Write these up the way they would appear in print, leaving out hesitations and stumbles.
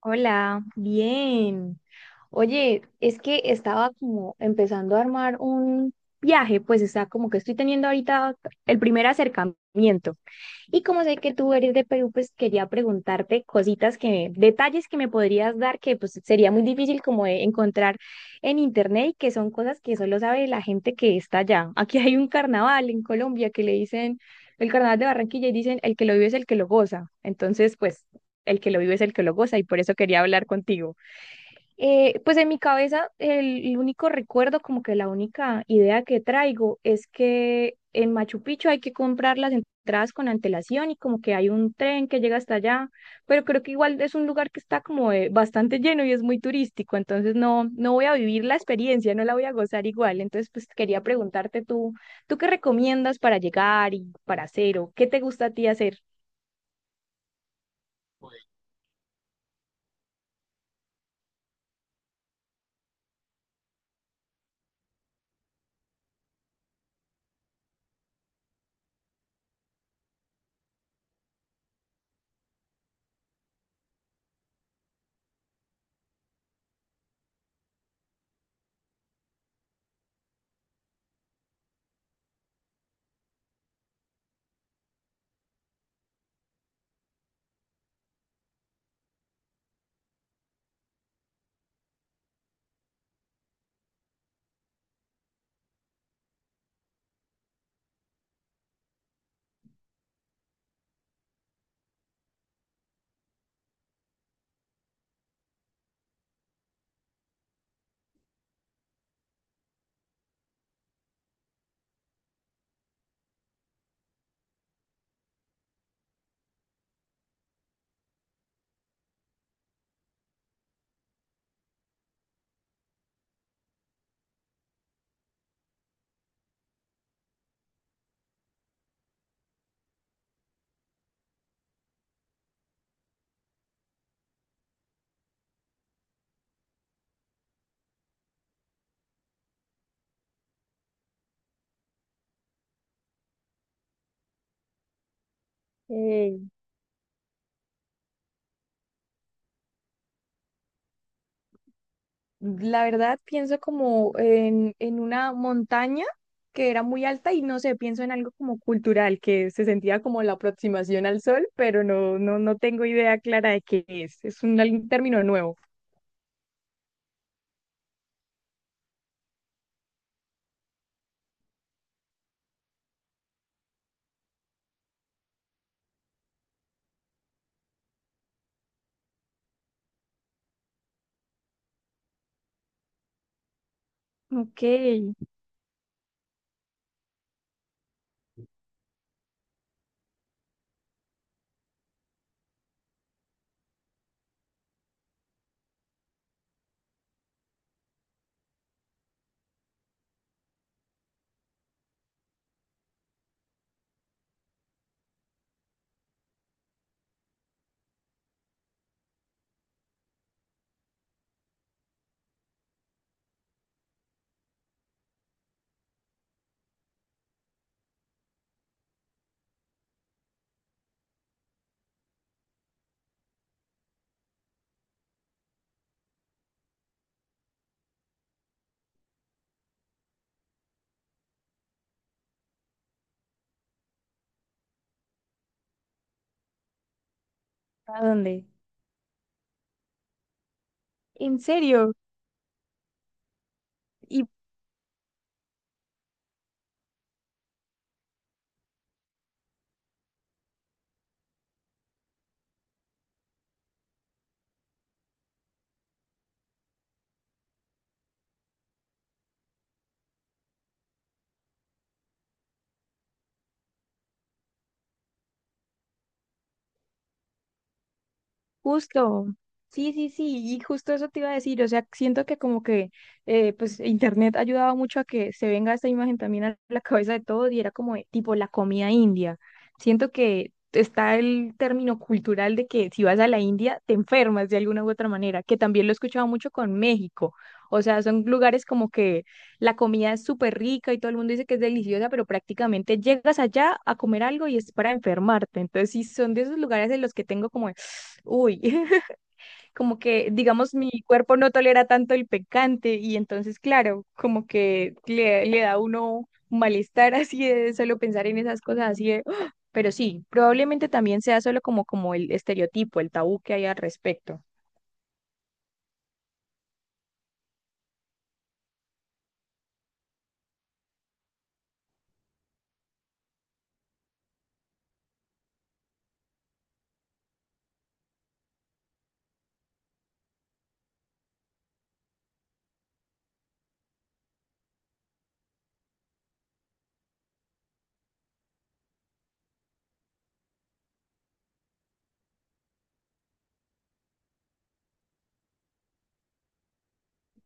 Hola, bien. Oye, es que estaba como empezando a armar un viaje, pues está como que estoy teniendo ahorita el primer acercamiento. Y como sé que tú eres de Perú, pues quería preguntarte cositas que, detalles que me podrías dar que pues sería muy difícil como de encontrar en internet y que son cosas que solo sabe la gente que está allá. Aquí hay un carnaval en Colombia que le dicen el carnaval de Barranquilla y dicen el que lo vive es el que lo goza. Entonces, pues el que lo vive es el que lo goza y por eso quería hablar contigo. Pues en mi cabeza el único recuerdo, como que la única idea que traigo es que en Machu Picchu hay que comprar las entradas con antelación y como que hay un tren que llega hasta allá, pero creo que igual es un lugar que está como bastante lleno y es muy turístico, entonces no, no voy a vivir la experiencia, no la voy a gozar igual, entonces pues quería preguntarte tú, ¿tú qué recomiendas para llegar y para hacer o qué te gusta a ti hacer? Ok. La verdad, pienso como en una montaña que era muy alta y no sé, pienso en algo como cultural, que se sentía como la aproximación al sol, pero no, no, no tengo idea clara de qué es. Es un, algún término nuevo. Ok, ¿a dónde? ¿En serio? Y. Justo, sí, sí, sí, y justo eso te iba a decir, o sea, siento que como que pues internet ayudaba mucho a que se venga esta imagen también a la cabeza de todos y era como de, tipo la comida india. Siento que está el término cultural de que si vas a la India te enfermas de alguna u otra manera, que también lo he escuchado mucho con México. O sea, son lugares como que la comida es súper rica y todo el mundo dice que es deliciosa, pero prácticamente llegas allá a comer algo y es para enfermarte. Entonces, sí, son de esos lugares en los que tengo como uy, como que, digamos, mi cuerpo no tolera tanto el picante y entonces, claro, como que le da a uno un malestar así de solo pensar en esas cosas así de, "Ah", pero sí, probablemente también sea solo como, como el estereotipo, el tabú que hay al respecto.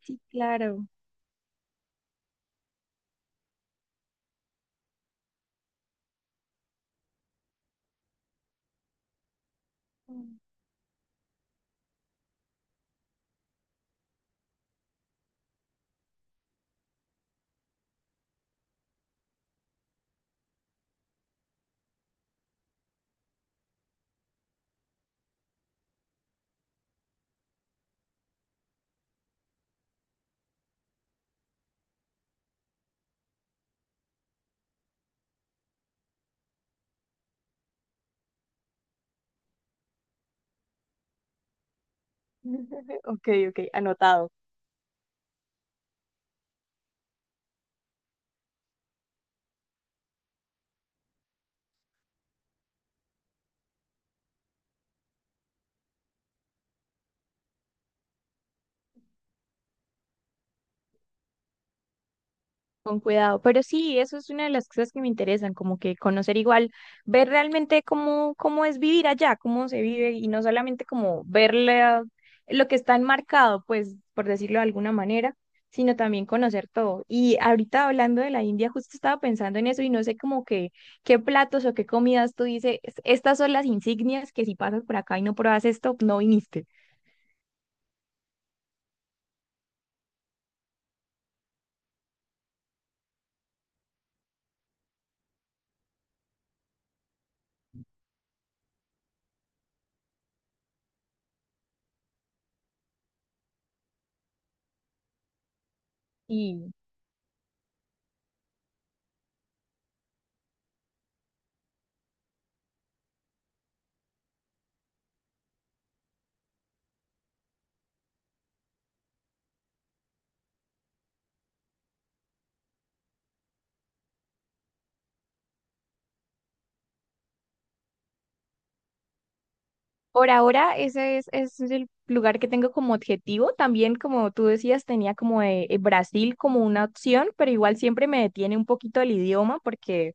Sí, claro. Ok, ok, anotado. Con cuidado, pero sí, eso es una de las cosas que me interesan, como que conocer igual, ver realmente cómo, cómo es vivir allá, cómo se vive y no solamente como ver la- lo que está enmarcado, pues por decirlo de alguna manera, sino también conocer todo. Y ahorita hablando de la India, justo estaba pensando en eso y no sé como que qué platos o qué comidas tú dices, estas son las insignias que si pasas por acá y no pruebas esto, no viniste. Por ahora, ese es el lugar que tengo como objetivo. También, como tú decías, tenía como Brasil como una opción, pero igual siempre me detiene un poquito el idioma porque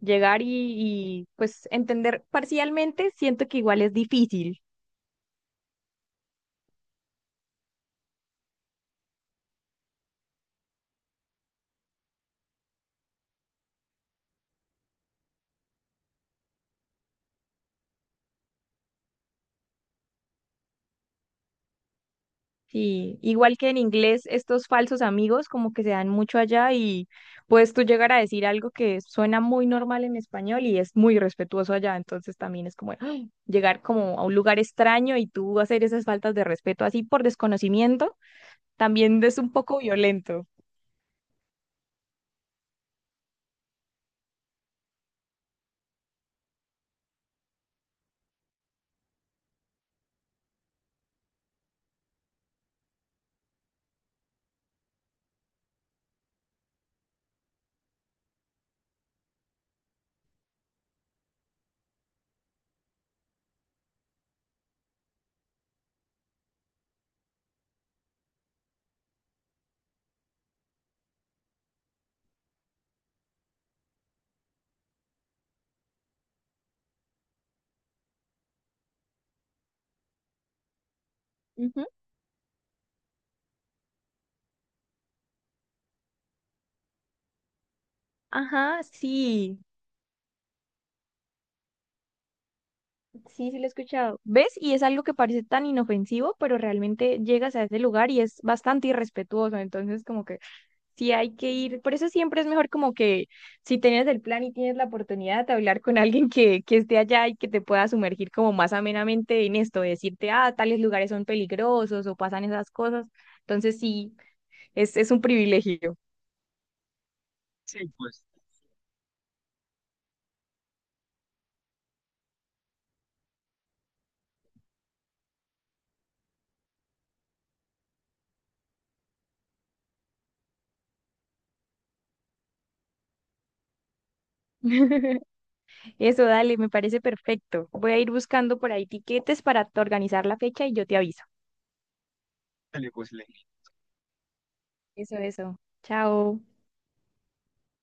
llegar pues entender parcialmente siento que igual es difícil. Sí, igual que en inglés, estos falsos amigos como que se dan mucho allá y puedes tú llegar a decir algo que suena muy normal en español y es muy respetuoso allá, entonces también es como ¡ay! Llegar como a un lugar extraño y tú hacer esas faltas de respeto así por desconocimiento, también es un poco violento. Ujú. Ajá, sí. Sí, sí lo he escuchado. ¿Ves? Y es algo que parece tan inofensivo, pero realmente llegas a ese lugar y es bastante irrespetuoso. Entonces, como que sí hay que ir. Por eso siempre es mejor como que si tienes el plan y tienes la oportunidad de hablar con alguien que esté allá y que te pueda sumergir como más amenamente en esto, de decirte, ah, tales lugares son peligrosos o pasan esas cosas. Entonces, sí, es un privilegio. Eso, dale, me parece perfecto. Voy a ir buscando por ahí tiquetes para t- organizar la fecha y yo te aviso. Eso, eso. Chao.